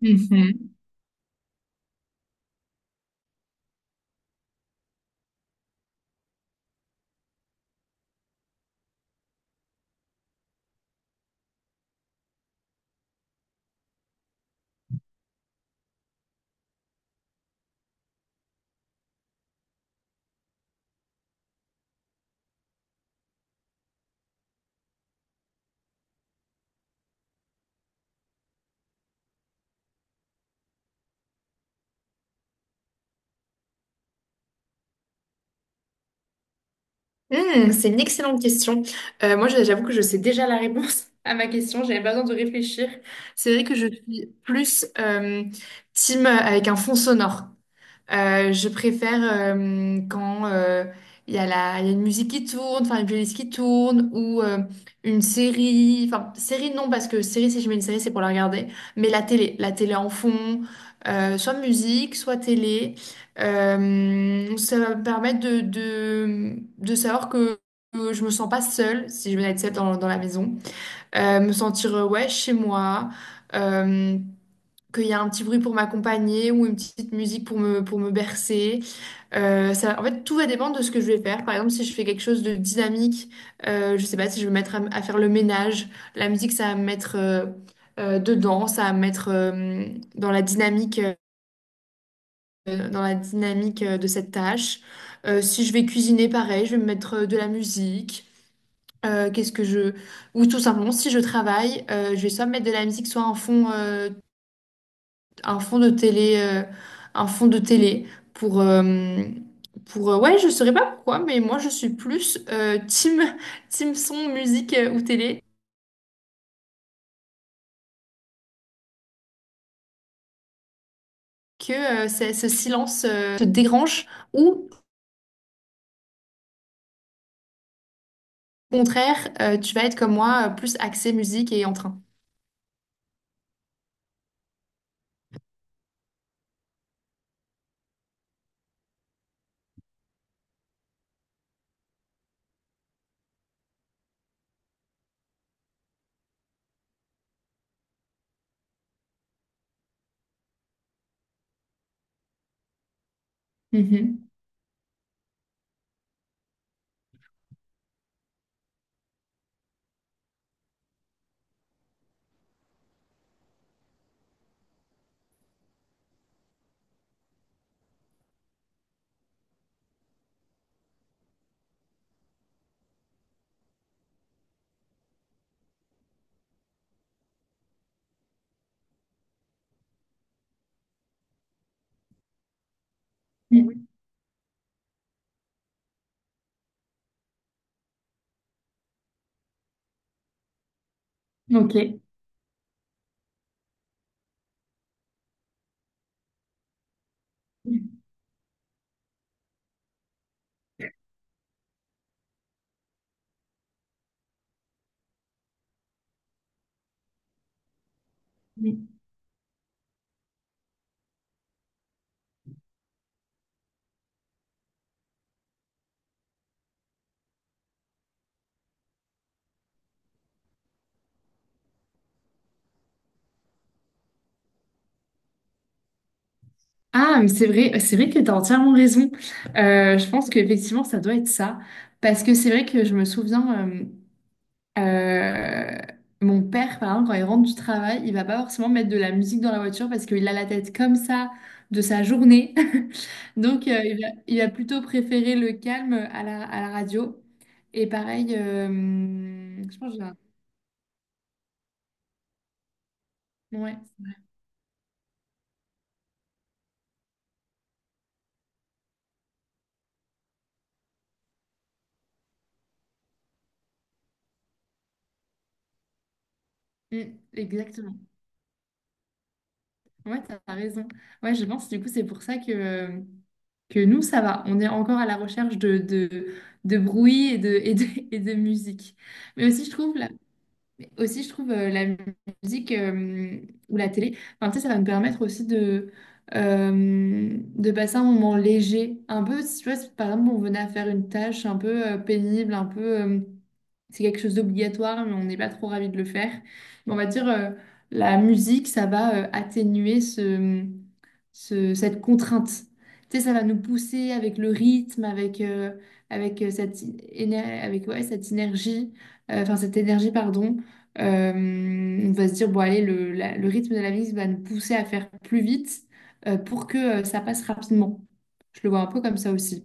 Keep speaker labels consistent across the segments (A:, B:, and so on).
A: Mhm. Hmm, c'est une excellente question. Moi, j'avoue que je sais déjà la réponse à ma question. J'avais pas besoin de réfléchir. C'est vrai que je suis plus team avec un fond sonore. Je préfère quand il y a il y a une musique qui tourne, enfin une playlist qui tourne, ou une série, enfin série non, parce que série, si je mets une série, c'est pour la regarder, mais la télé en fond, soit musique, soit télé. Ça va me permettre de, de savoir que je me sens pas seule, si je venais être seule dans la maison. Me sentir, ouais, chez moi. Euh, Qu'il y a un petit bruit pour m'accompagner ou une petite musique pour me bercer. Ça, en fait, tout va dépendre de ce que je vais faire. Par exemple, si je fais quelque chose de dynamique, je sais pas, si je vais me mettre à faire le ménage, la musique, ça va me mettre dedans, ça va me mettre dans la dynamique, de cette tâche. Si je vais cuisiner, pareil, je vais me mettre de la musique. Qu'est-ce que je... Ou tout simplement, si je travaille, je vais soit me mettre de la musique, soit un fond de télé, un fond de télé pour, ouais, je saurais pas pourquoi, mais moi je suis plus team, team son, musique ou télé que ce silence te dérange, ou au contraire, tu vas être comme moi, plus axé musique et en train. Mhm. Mm. Ok. Mm. Ah, mais c'est vrai que tu as entièrement raison. Je pense qu'effectivement, ça doit être ça. Parce que c'est vrai que je me souviens. Euh, Mon père, par exemple, quand il rentre du travail, il va pas forcément mettre de la musique dans la voiture parce qu'il a la tête comme ça de sa journée. Donc, il va plutôt préférer le calme à la radio. Et pareil, je pense que j'ai un- Ouais. Mm, exactement. Ouais, t'as raison. Ouais, je pense du coup, c'est pour ça que nous, ça va. On est encore à la recherche de, de bruit et de, et de musique. Mais aussi, je trouve, mais aussi, je trouve la musique ou la télé, enfin, tu sais, ça va me permettre aussi de passer un moment léger. Un peu, si tu vois, si par exemple, on venait à faire une tâche un peu pénible, un peu. C'est quelque chose d'obligatoire, mais on n'est pas trop ravi de le faire. Mais on va dire, la musique, ça va atténuer ce, cette contrainte. Tu sais, ça va nous pousser avec le rythme, avec, euh, cette, avec ouais, cette énergie, enfin cette énergie, pardon. Euh, on va se dire, bon, allez, le rythme de la vie va nous pousser à faire plus vite pour que ça passe rapidement. Je le vois un peu comme ça aussi.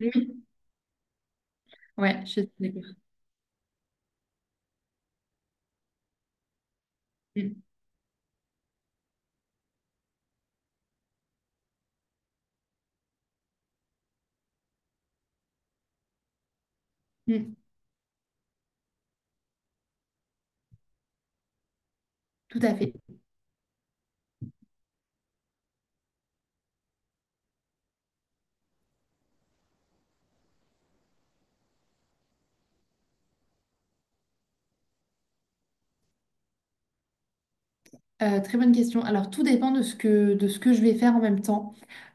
A: Oui, ouais, je suis d'accord. Mm. Mm. Tout à fait. Très bonne question. Alors, tout dépend de ce que, je vais faire en même temps.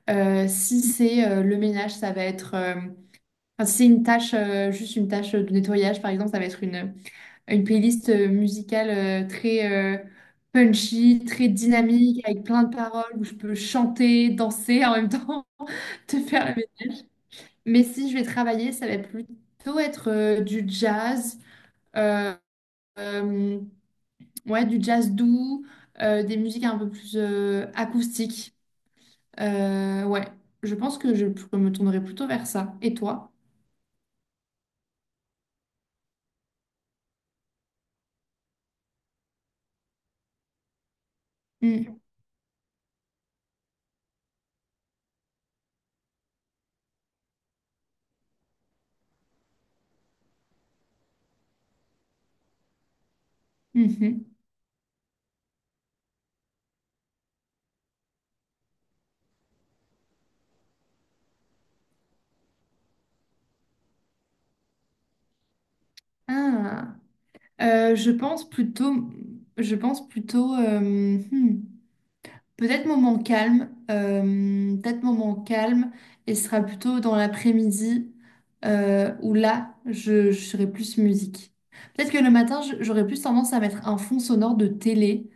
A: Si c'est le ménage, ça va être... enfin, si c'est une tâche, juste une tâche de nettoyage, par exemple, ça va être une playlist musicale très punchy, très dynamique, avec plein de paroles où je peux chanter, danser en même temps, te faire la ménage. Mais si je vais travailler, ça va plutôt être du jazz, euh, euh, ouais, du jazz doux, des musiques un peu plus acoustiques. Ouais, je pense que je me tournerai plutôt vers ça. Et toi? Mm, mhm. Ah. Je pense plutôt, hmm, peut-être moment calme, et ce sera plutôt dans l'après-midi où là, je serai plus musique. Peut-être que le matin, j'aurais plus tendance à mettre un fond sonore de télé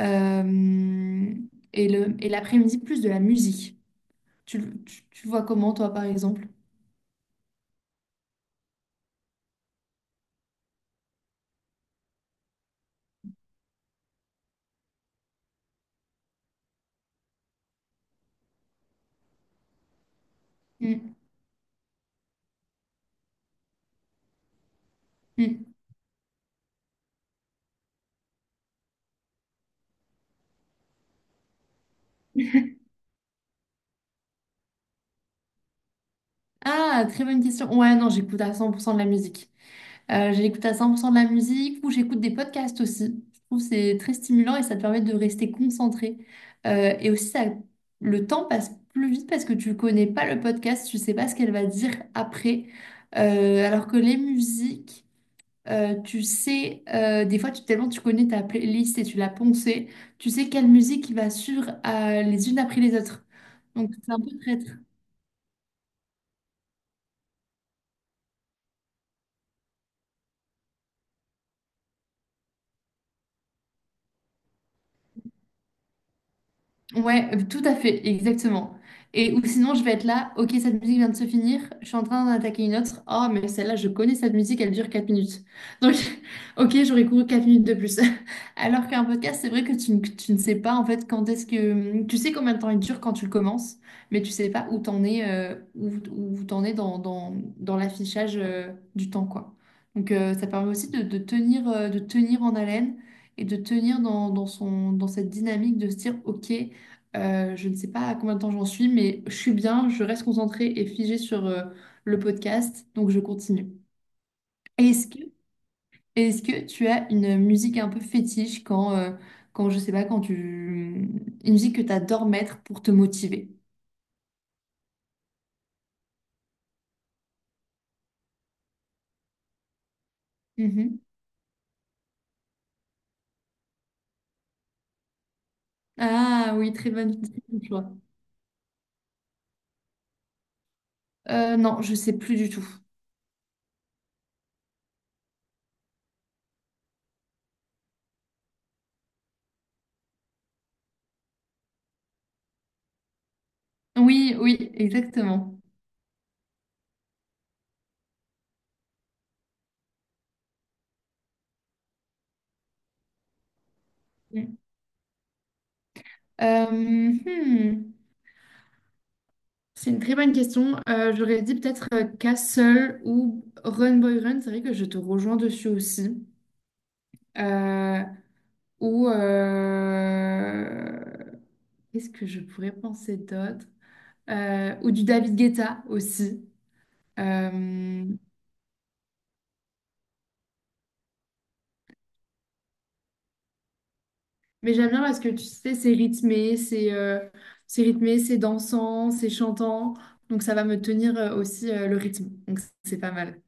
A: euh, et l'après-midi, plus de la musique. Tu vois comment, toi, par exemple? Mm, mm. Ah, très bonne question. Ouais, non, j'écoute à 100% de la musique. J'écoute à 100% de la musique ou j'écoute des podcasts aussi. Je trouve que c'est très stimulant et ça te permet de rester concentré. Et aussi, ça, le temps passe plus vite parce que tu connais pas le podcast, tu sais pas ce qu'elle va dire après. Alors que les musiques, tu sais, des fois, tellement tu connais ta playlist et tu l'as poncée, tu sais quelle musique va suivre les unes après les autres. Donc, c'est un peu très. Ouais, tout à fait, exactement. Et ou sinon, je vais être là, ok, cette musique vient de se finir, je suis en train d'en attaquer une autre. Oh, mais celle-là, je connais cette musique, elle dure 4 minutes. Donc, ok, j'aurais couru 4 minutes de plus. Alors qu'un podcast, c'est vrai que tu ne sais pas en fait quand est-ce que. Tu sais combien de temps il dure quand tu le commences, mais tu sais pas où t'en es, où t'en es dans, dans dans l'affichage du temps, quoi. Donc, ça permet aussi de tenir en haleine et de tenir dans, dans son, dans cette dynamique de se dire, OK. Je ne sais pas à combien de temps j'en suis, mais je suis bien, je reste concentrée et figée sur le podcast, donc je continue. Est-ce que, est-ce que tu as une musique un peu fétiche quand je sais pas, quand tu... Une musique que tu adores mettre pour te motiver? Mhm. Ah oui, très bon choix. Non, je sais plus du tout. Oui, oui, exactement. Mm. Euh, hmm. C'est une très bonne question. J'aurais dit peut-être Castle ou Run Boy Run. C'est vrai que je te rejoins dessus aussi. Euh, ou qu'est-ce que je pourrais penser d'autre? Ou du David Guetta aussi. Euh, mais j'aime bien parce que tu sais, c'est rythmé, c'est dansant, c'est chantant. Donc ça va me tenir aussi le rythme. Donc c'est pas mal.